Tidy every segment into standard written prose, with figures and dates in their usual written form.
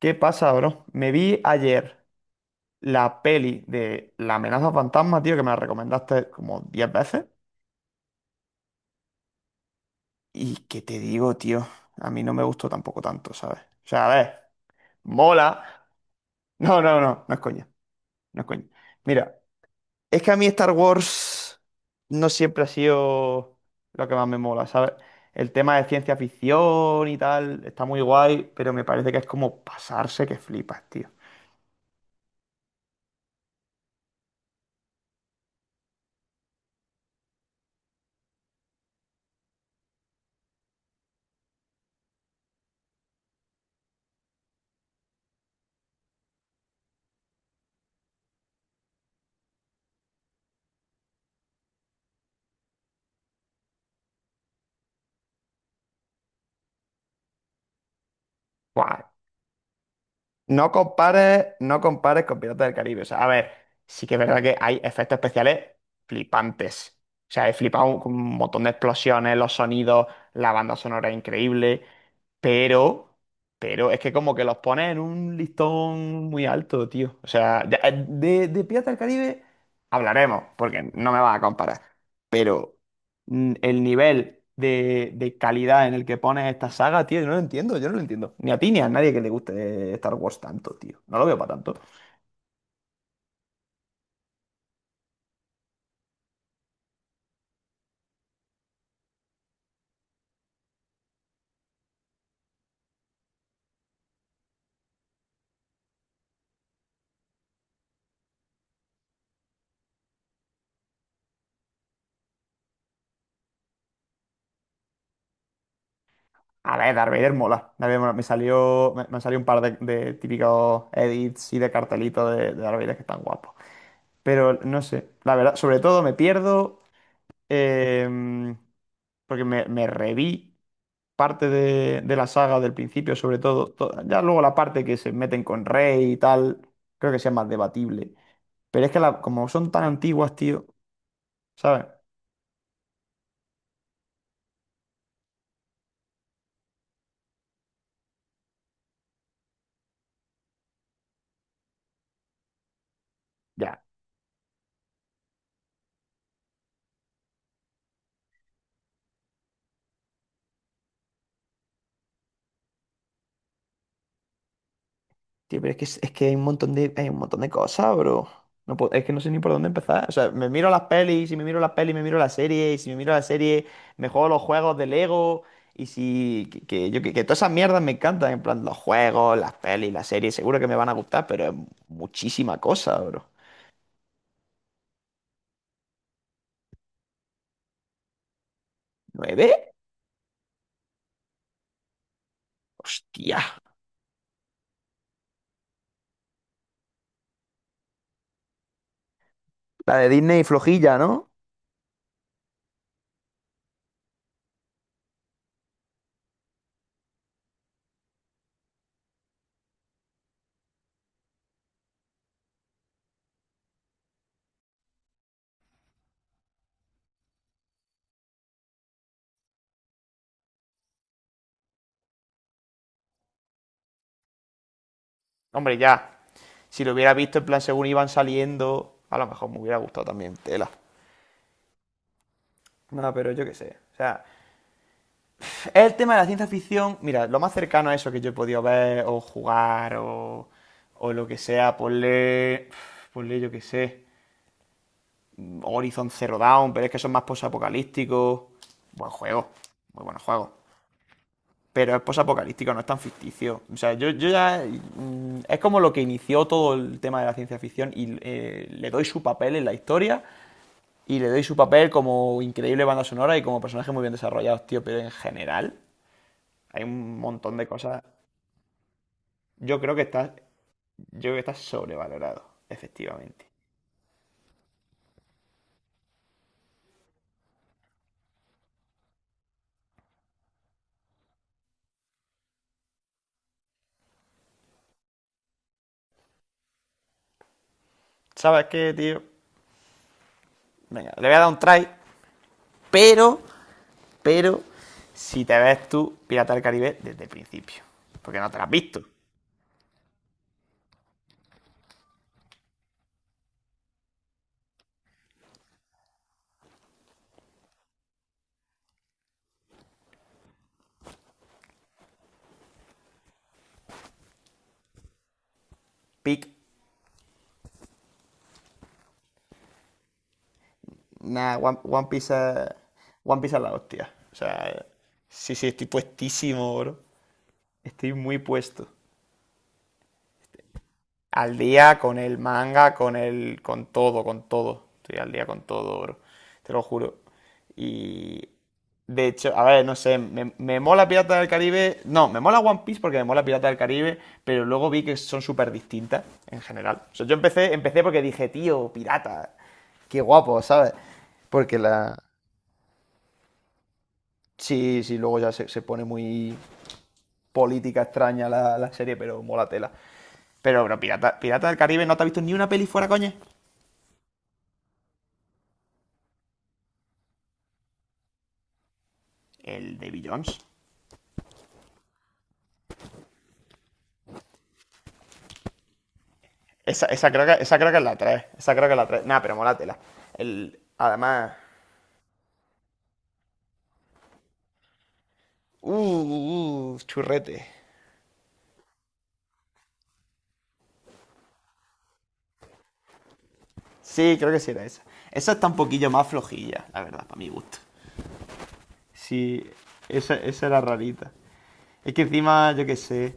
¿Qué pasa, bro? Me vi ayer la peli de La amenaza fantasma, tío, que me la recomendaste como 10 veces. Y que te digo, tío, a mí no me gustó tampoco tanto, ¿sabes? O sea, a ver, mola. No, no, no, no es coña, no es coña. Mira, es que a mí Star Wars no siempre ha sido lo que más me mola, ¿sabes? El tema de ciencia ficción y tal está muy guay, pero me parece que es como pasarse que flipas, tío. Buah, no compares, no compares con Piratas del Caribe. O sea, a ver, sí que es verdad que hay efectos especiales flipantes. O sea, he flipado con un montón de explosiones, los sonidos, la banda sonora es increíble, pero, pero es que como que los pones en un listón muy alto, tío. O sea, de Piratas del Caribe hablaremos, porque no me vas a comparar. Pero el nivel de calidad en el que pones esta saga, tío, yo no lo entiendo, yo no lo entiendo. Ni a ti ni a nadie que le guste Star Wars tanto, tío. No lo veo para tanto. A ver, Darth Vader mola. Darth Vader mola. Me salió un par de típicos edits y de cartelitos de Darth Vader que están guapos. Pero no sé, la verdad, sobre todo me pierdo eh, porque me reví parte de la saga del principio, sobre todo, ya luego la parte que se meten con Rey y tal, creo que sea más debatible. Pero es que como son tan antiguas, tío, ¿sabes? Ya, tío, pero es que hay un hay un montón de cosas, bro. Es que no sé ni por dónde empezar. O sea, me miro las pelis, y si me miro las pelis, me miro la serie, y si me miro la serie, me juego los juegos de Lego, y si... Que yo, que todas esas mierdas me encantan, en plan, los juegos, las pelis, las series, seguro que me van a gustar, pero es muchísima cosa, bro. ¿Nueve? Hostia. La de Disney flojilla, ¿no? Hombre, ya. Si lo hubiera visto en plan según iban saliendo, a lo mejor me hubiera gustado también. Tela. No, pero yo qué sé. O sea, el tema de la ciencia ficción, mira, lo más cercano a eso que yo he podido ver o jugar o lo que sea, ponle yo qué sé, Horizon Zero Dawn, pero es que son más posapocalípticos. Buen juego, muy buen juego. Pero es posapocalíptico, no es tan ficticio. O sea, yo ya. Es como lo que inició todo el tema de la ciencia ficción y le doy su papel en la historia y le doy su papel como increíble banda sonora y como personaje muy bien desarrollados, tío. Pero en general, hay un montón de cosas. Yo creo que está, yo creo que está sobrevalorado, efectivamente. ¿Sabes qué, tío? Venga, le voy a dar un try, pero, pero, si te ves tú Pirata del Caribe desde el principio, porque no te la has visto. pic. Nah, One Piece es la hostia. O sea, sí, sí, estoy puestísimo, bro. Estoy muy puesto. Al día con el manga, con todo, con todo. Estoy al día con todo, bro. Te lo juro. Y de hecho, a ver, no sé, me mola Piratas del Caribe. No, me mola One Piece porque me mola Piratas del Caribe, pero luego vi que son súper distintas en general. O sea, empecé porque dije, tío, pirata, qué guapo, ¿sabes? Porque la, Sí, sí, luego ya se pone muy política extraña la serie, pero mola tela. Pero, bueno, Pirata, Pirata del Caribe, ¿no te has visto ni una peli fuera, coña? El de Bill Jones. Esa creo que es la 3. Esa creo que es la 3. Nah, pero mola tela. El, además. Churrete. Sí, creo que sí era esa. Esa está un poquillo más flojilla, la verdad, para mi gusto. Sí, esa era rarita. Es que encima, yo qué sé,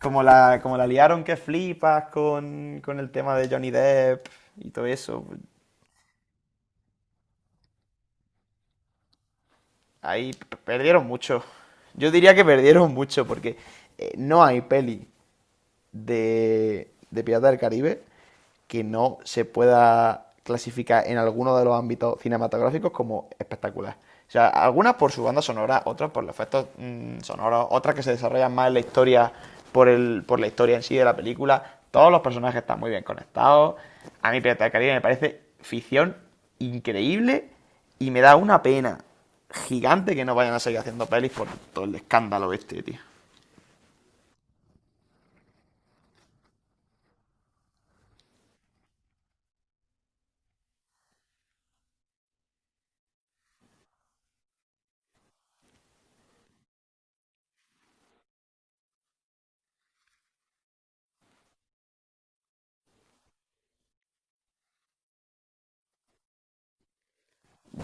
como la liaron que flipas con el tema de Johnny Depp y todo eso, ahí perdieron mucho. Yo diría que perdieron mucho porque no hay peli de Piratas del Caribe que no se pueda clasificar en alguno de los ámbitos cinematográficos como espectacular. O sea, algunas por su banda sonora, otras por los efectos sonoros, otras que se desarrollan más en la historia, por la historia en sí de la película. Todos los personajes están muy bien conectados. A mí Piratas del Caribe me parece ficción increíble y me da una pena gigante que no vayan a seguir haciendo pelis por todo el escándalo este, tío.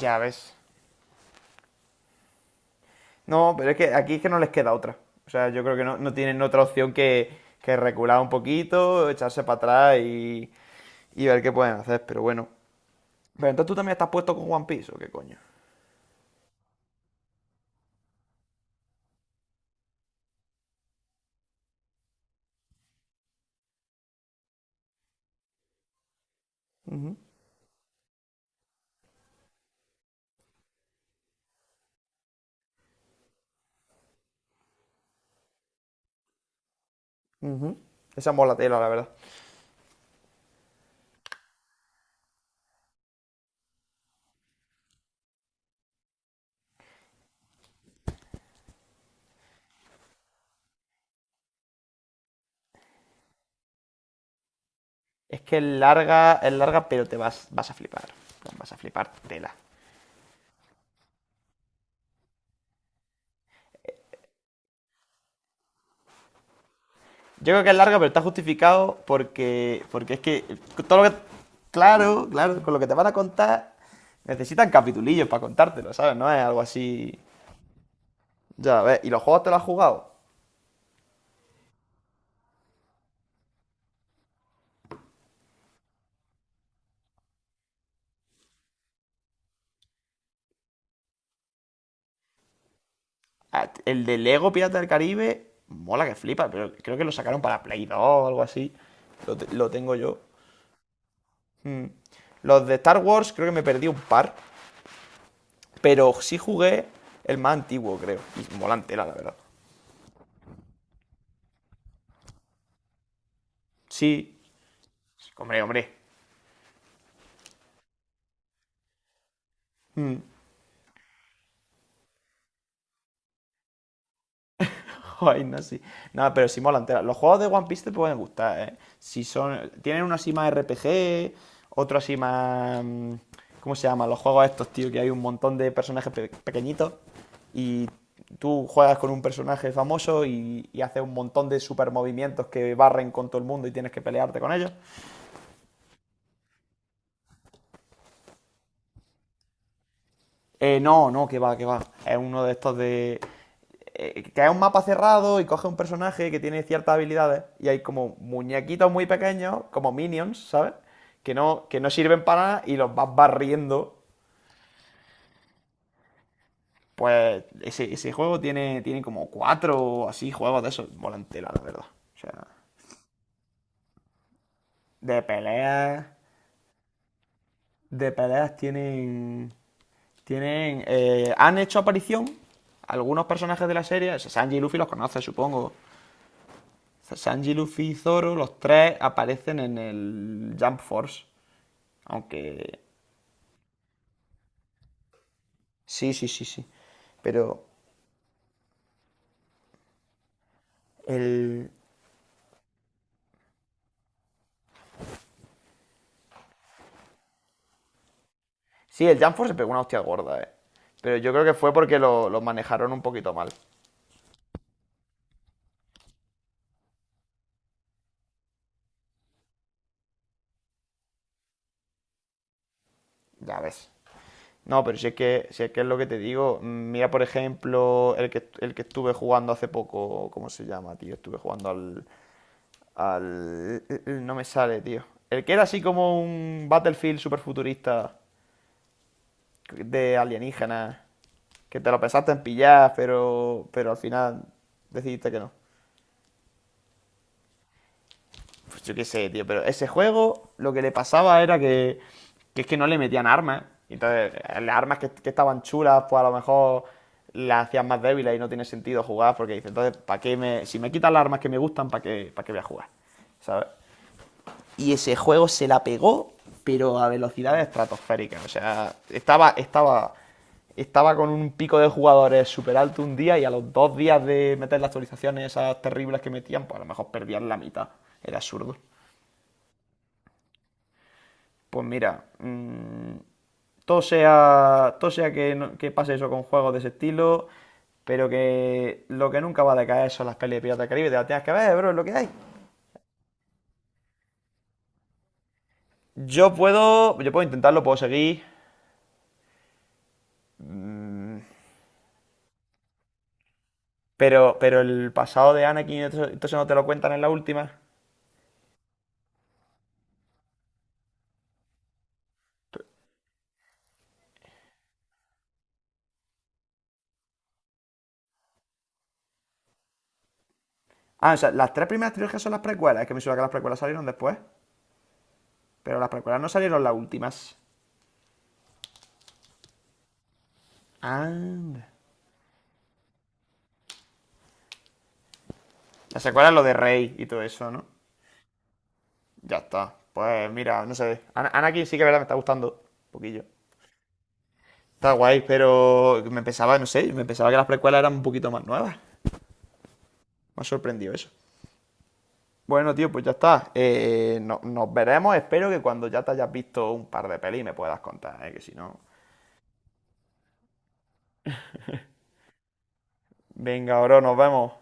Ya ves. No, pero es que aquí es que no les queda otra. O sea, yo creo que no tienen otra opción que recular un poquito, echarse para atrás y ver qué pueden hacer. Pero bueno. Pero entonces tú también estás puesto con One Piece, ¿o qué coño? Ujú, ujú. Esa mola tela, la verdad. Es que es larga, pero vas a flipar. Vas a flipar tela. Yo creo que es larga, pero está justificado porque es que todo lo que. Claro, claro, con lo que te van a contar necesitan capitulillos para contártelo, ¿sabes? No es algo así. Ya, a ver, ¿y los juegos te los has jugado? Ah, el de Lego Pirata del Caribe, mola que flipa, pero creo que lo sacaron para Play 2 o algo así. Lo tengo yo. Mm. Los de Star Wars creo que me perdí un par, pero sí jugué el más antiguo, creo. Y mola entera, la verdad. Sí, hombre, hombre. Mm. Ay, no, sí. Nada, pero sí mola entera. Los juegos de One Piece te pueden gustar, ¿eh? Si son. Tienen uno así más RPG, otro así más, ¿cómo se llaman? Los juegos estos, tío, que hay un montón de personajes pequeñitos y tú juegas con un personaje famoso y haces un montón de super movimientos que barren con todo el mundo y tienes que pelearte con ellos. No, no, que va, que va. Es uno de estos de. Que es un mapa cerrado y coge un personaje que tiene ciertas habilidades y hay como muñequitos muy pequeños, como minions, ¿sabes? Que no sirven para nada y los vas barriendo. Pues ese juego tiene como cuatro así juegos de esos. Volantela, la verdad. O sea, de peleas. De peleas tienen. Tienen. Han hecho aparición algunos personajes de la serie. Sanji y Luffy los conoces, supongo. Sanji, Luffy y Zoro, los tres aparecen en el Jump Force. Aunque. Sí, sí, sí, sí. Pero. El. Sí, el Jump Force se pegó una hostia gorda, eh. Pero yo creo que fue porque lo manejaron un poquito mal. Ya ves. No, pero si es que es lo que te digo. Mira, por ejemplo, el que estuve jugando hace poco. ¿Cómo se llama, tío? Estuve jugando al. Al. No me sale, tío. El que era así como un Battlefield super futurista de alienígenas, que te lo pensaste en pillar, pero al final decidiste que no. Pues yo qué sé, tío, pero ese juego lo que le pasaba era que es que no le metían armas. Entonces, las armas que estaban chulas, pues a lo mejor las hacían más débiles y no tiene sentido jugar porque dices entonces, ¿para qué me, si me quitan las armas que me gustan, ¿para qué voy a jugar? ¿Sabes? Estratosféricas. O sea, estaba con un pico de jugadores súper alto un día y a los 2 días de meter las actualizaciones esas terribles que metían, pues a lo mejor perdían la mitad. Era absurdo. Pues mira, todo sea que, que pase eso con juegos de ese estilo, pero que lo que nunca va a decaer son las pelis de Piratas del Caribe. Te las tienes que ver, bro, es lo que hay. Yo puedo intentarlo, puedo seguir, pero el pasado de Anakin, entonces no te lo cuentan en la última. Ah, o sea, las tres primeras trilogías son las precuelas. Es que me suena que las precuelas salieron después. Pero las precuelas no salieron las últimas. Anda. La secuela es lo de Rey y todo eso, ¿no? Ya está. Pues mira, no sé. Anakin sí que es verdad me está gustando. Un poquillo. Está guay, pero me pensaba, no sé, me pensaba que las precuelas eran un poquito más nuevas. Me ha sorprendido eso. Bueno, tío, pues ya está. Nos veremos. Espero que cuando ya te hayas visto un par de pelis me puedas contar, ¿eh? Que si no. Venga, bro, nos vemos.